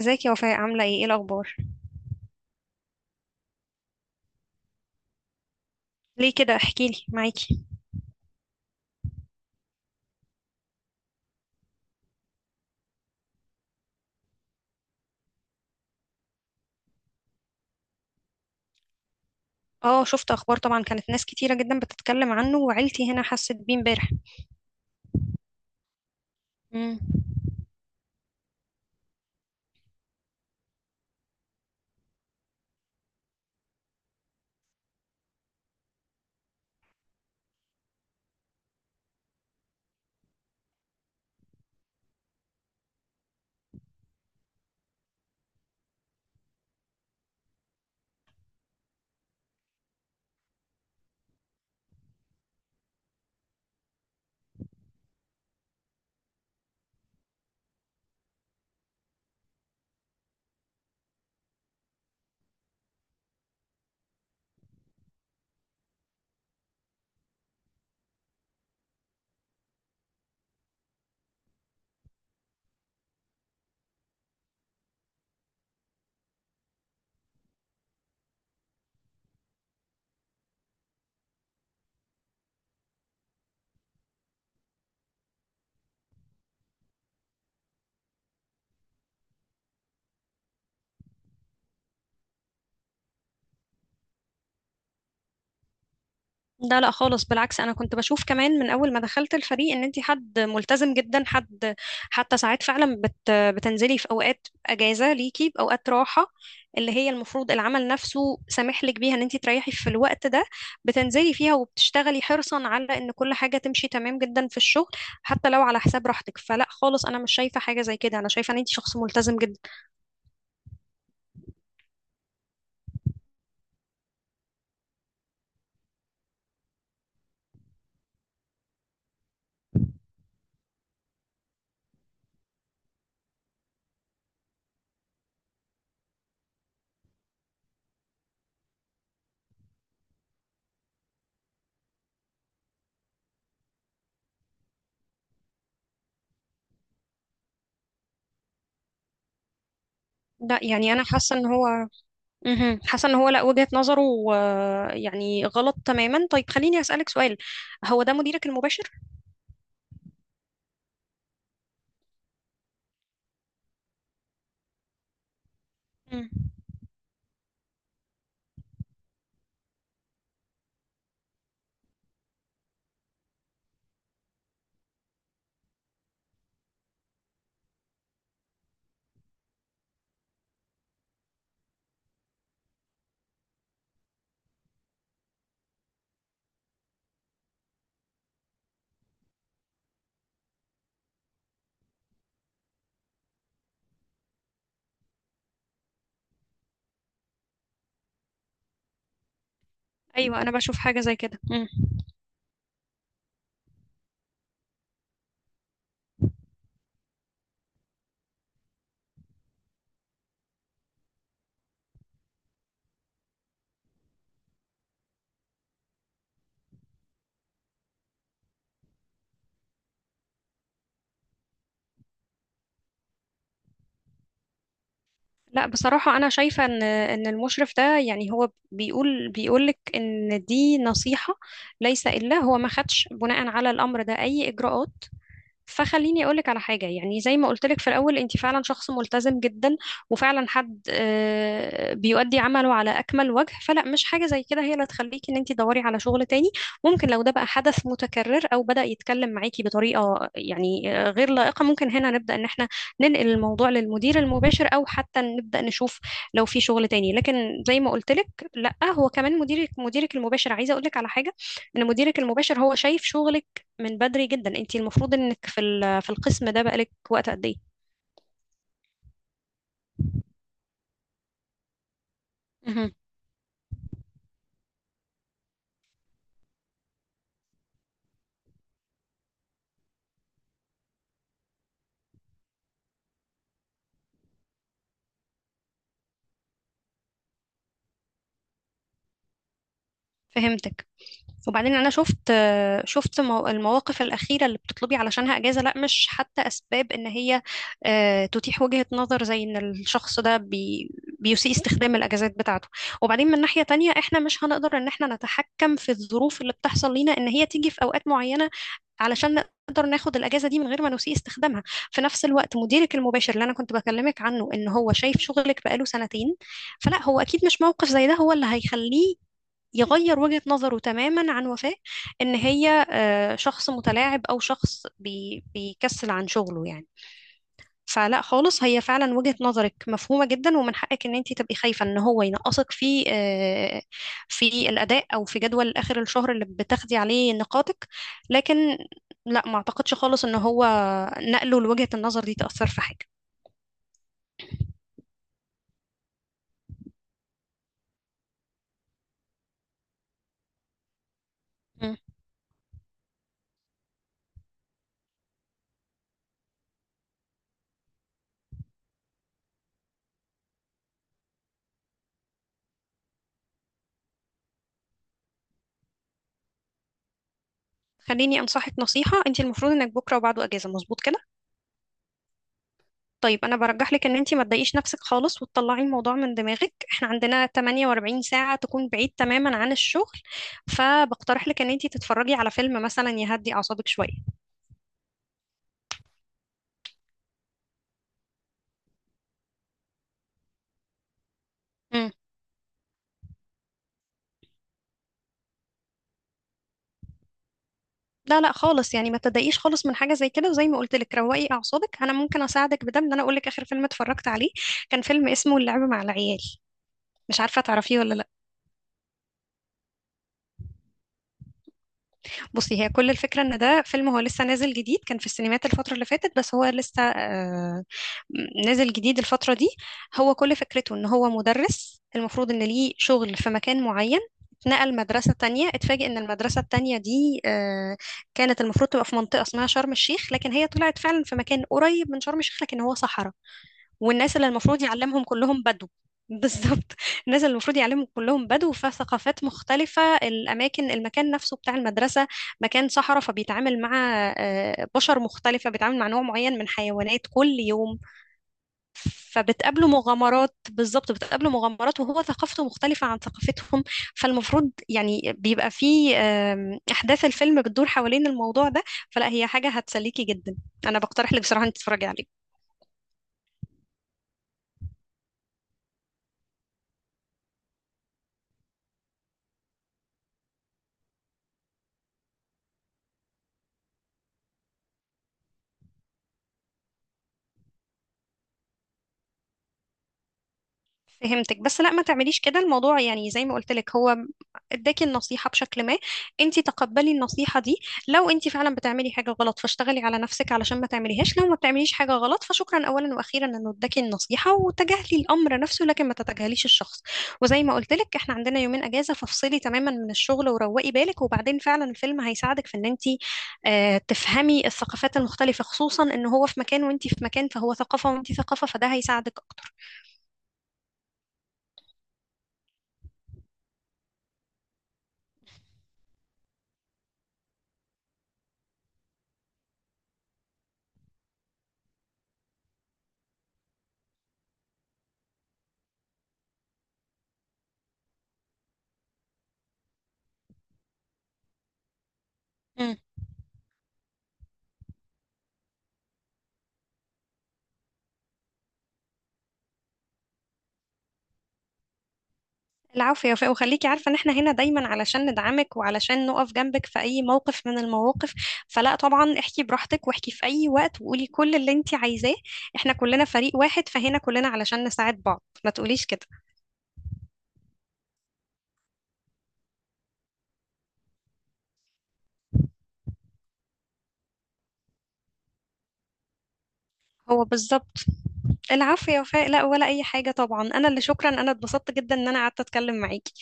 ازيك يا وفاء، عاملة ايه؟ ايه الأخبار؟ ليه كده؟ احكيلي معاكي. اه، شفت أخبار طبعا، كانت ناس كتيرة جدا بتتكلم عنه وعيلتي هنا حست بيه امبارح. مم. ده لا خالص، بالعكس، انا كنت بشوف كمان من اول ما دخلت الفريق ان انت حد ملتزم جدا. حد حتى ساعات فعلا بتنزلي في اوقات اجازه ليكي، باوقات راحه اللي هي المفروض العمل نفسه سامح لك بيها ان انت تريحي في الوقت ده، بتنزلي فيها وبتشتغلي حرصا على ان كل حاجه تمشي تمام جدا في الشغل حتى لو على حساب راحتك. فلا خالص، انا مش شايفه حاجه زي كده، انا شايفه ان انت شخص ملتزم جدا. لا يعني انا حاسه ان هو حاسه ان هو لا، وجهه نظره يعني غلط تماما. طيب، خليني اسالك سؤال، هو ده مديرك المباشر؟ مم. ايوه، انا بشوف حاجه زي كده. مم. لا بصراحه، انا شايفه ان المشرف ده يعني هو بيقول لك ان دي نصيحه ليس الا، هو ما خدش بناء على الامر ده اي اجراءات. فخليني اقولك على حاجه، يعني زي ما قلتلك في الاول، انت فعلا شخص ملتزم جدا، وفعلا حد بيؤدي عمله على اكمل وجه، فلا مش حاجه زي كده هي اللي تخليكي ان انت تدوري على شغل تاني. ممكن لو ده بقى حدث متكرر او بدا يتكلم معاكي بطريقه يعني غير لائقه، ممكن هنا نبدا ان احنا ننقل الموضوع للمدير المباشر، او حتى نبدا نشوف لو في شغل تاني. لكن زي ما قلتلك، لا، هو كمان مديرك المباشر. عايزه اقولك على حاجه، ان مديرك المباشر هو شايف شغلك من بدري جدا، انتي المفروض انك في القسم ده بقالك وقت قد ايه. مهم. فهمتك. وبعدين انا المواقف الاخيره اللي بتطلبي علشانها اجازه، لا مش حتى اسباب ان هي تتيح وجهه نظر زي ان الشخص ده بيسيء استخدام الاجازات بتاعته. وبعدين من ناحيه تانية، احنا مش هنقدر ان احنا نتحكم في الظروف اللي بتحصل لينا ان هي تيجي في اوقات معينه، علشان نقدر ناخد الاجازه دي من غير ما نسيء استخدامها. في نفس الوقت، مديرك المباشر اللي انا كنت بكلمك عنه ان هو شايف شغلك بقاله سنتين، فلا، هو اكيد مش موقف زي ده هو اللي هيخليه يغير وجهة نظره تماما عن وفاء، ان هي شخص متلاعب او شخص بيكسل عن شغله يعني. فلا خالص، هي فعلا وجهة نظرك مفهومة جدا، ومن حقك ان انت تبقي خايفة ان هو ينقصك في في الاداء او في جدول اخر الشهر اللي بتاخدي عليه نقاطك. لكن لا، ما اعتقدش خالص ان هو نقله لوجهة النظر دي تأثر في حاجة. مم. خليني انصحك نصيحة، انت المفروض انك بكرة وبعده اجازة، مظبوط كده؟ طيب انا برجح لك ان انت ما تضايقيش نفسك خالص، وتطلعي الموضوع من دماغك. احنا عندنا 48 ساعة تكون بعيد تماما عن الشغل، فبقترح لك ان انت تتفرجي على فيلم مثلا يهدي اعصابك شوية. امم لا لا خالص، يعني ما تضايقيش خالص من حاجة زي كده، وزي ما قلت لك، روقي اعصابك. انا ممكن اساعدك بده، ان انا اقول لك اخر فيلم اتفرجت عليه، كان فيلم اسمه اللعب مع العيال. مش عارفة تعرفيه ولا لا؟ بصي، هي كل الفكرة ان ده فيلم هو لسه نازل جديد، كان في السينمات الفترة اللي فاتت، بس هو لسه نازل جديد الفترة دي. هو كل فكرته ان هو مدرس المفروض ان ليه شغل في مكان معين، اتنقل مدرسة تانية، اتفاجئ ان المدرسة التانية دي كانت المفروض تبقى في منطقة اسمها شرم الشيخ، لكن هي طلعت فعلا في مكان قريب من شرم الشيخ لكن هو صحراء، والناس اللي المفروض يعلمهم كلهم بدو. بالظبط. الناس اللي المفروض يعلمهم كلهم بدو، فثقافات مختلفة. الأماكن، المكان نفسه بتاع المدرسة مكان صحراء، فبيتعامل مع بشر مختلفة، بيتعامل مع نوع معين من حيوانات كل يوم، فبتقابله مغامرات. بالظبط، بتقابله مغامرات وهو ثقافته مختلفة عن ثقافتهم، فالمفروض يعني بيبقى فيه أحداث الفيلم بتدور حوالين الموضوع ده. فلا، هي حاجة هتسليكي جدا، أنا بقترح لك بصراحة أنت تتفرجي عليه. فهمتك، بس لا ما تعمليش كده. الموضوع يعني زي ما قلت لك، هو اداكي النصيحة بشكل ما، انت تقبلي النصيحة دي. لو انت فعلا بتعملي حاجة غلط، فاشتغلي على نفسك علشان ما تعمليهاش. لو ما بتعمليش حاجة غلط، فشكرا اولا واخيرا انه اداكي النصيحة، وتجاهلي الامر نفسه لكن ما تتجاهليش الشخص. وزي ما قلت لك، احنا عندنا يومين اجازة، فافصلي تماما من الشغل وروقي بالك. وبعدين فعلا الفيلم هيساعدك في ان انت تفهمي الثقافات المختلفة، خصوصا ان هو في مكان وانت في مكان، فهو ثقافة وانت ثقافة، فده هيساعدك اكتر. العفو يا وفاء، وخليكي عارفة ان احنا هنا دايما علشان ندعمك وعلشان نقف جنبك في اي موقف من المواقف. فلا طبعا، احكي براحتك، واحكي في اي وقت، وقولي كل اللي انت عايزاه. احنا كلنا فريق واحد، فهنا كلنا علشان نساعد بعض، ما تقوليش كده. هو بالظبط. العفو يا وفاء، لا ولا اي حاجة طبعا، انا اللي شكرا، انا اتبسطت جدا ان انا قعدت اتكلم معاكي.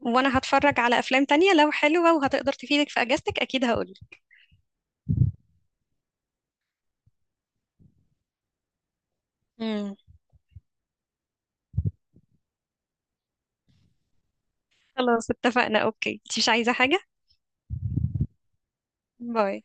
وانا هتفرج على افلام تانية لو حلوة وهتقدر تفيدك في اجازتك، اكيد هقولك. امم، خلاص، اتفقنا. اوكي، انت مش عايزة حاجة؟ باي.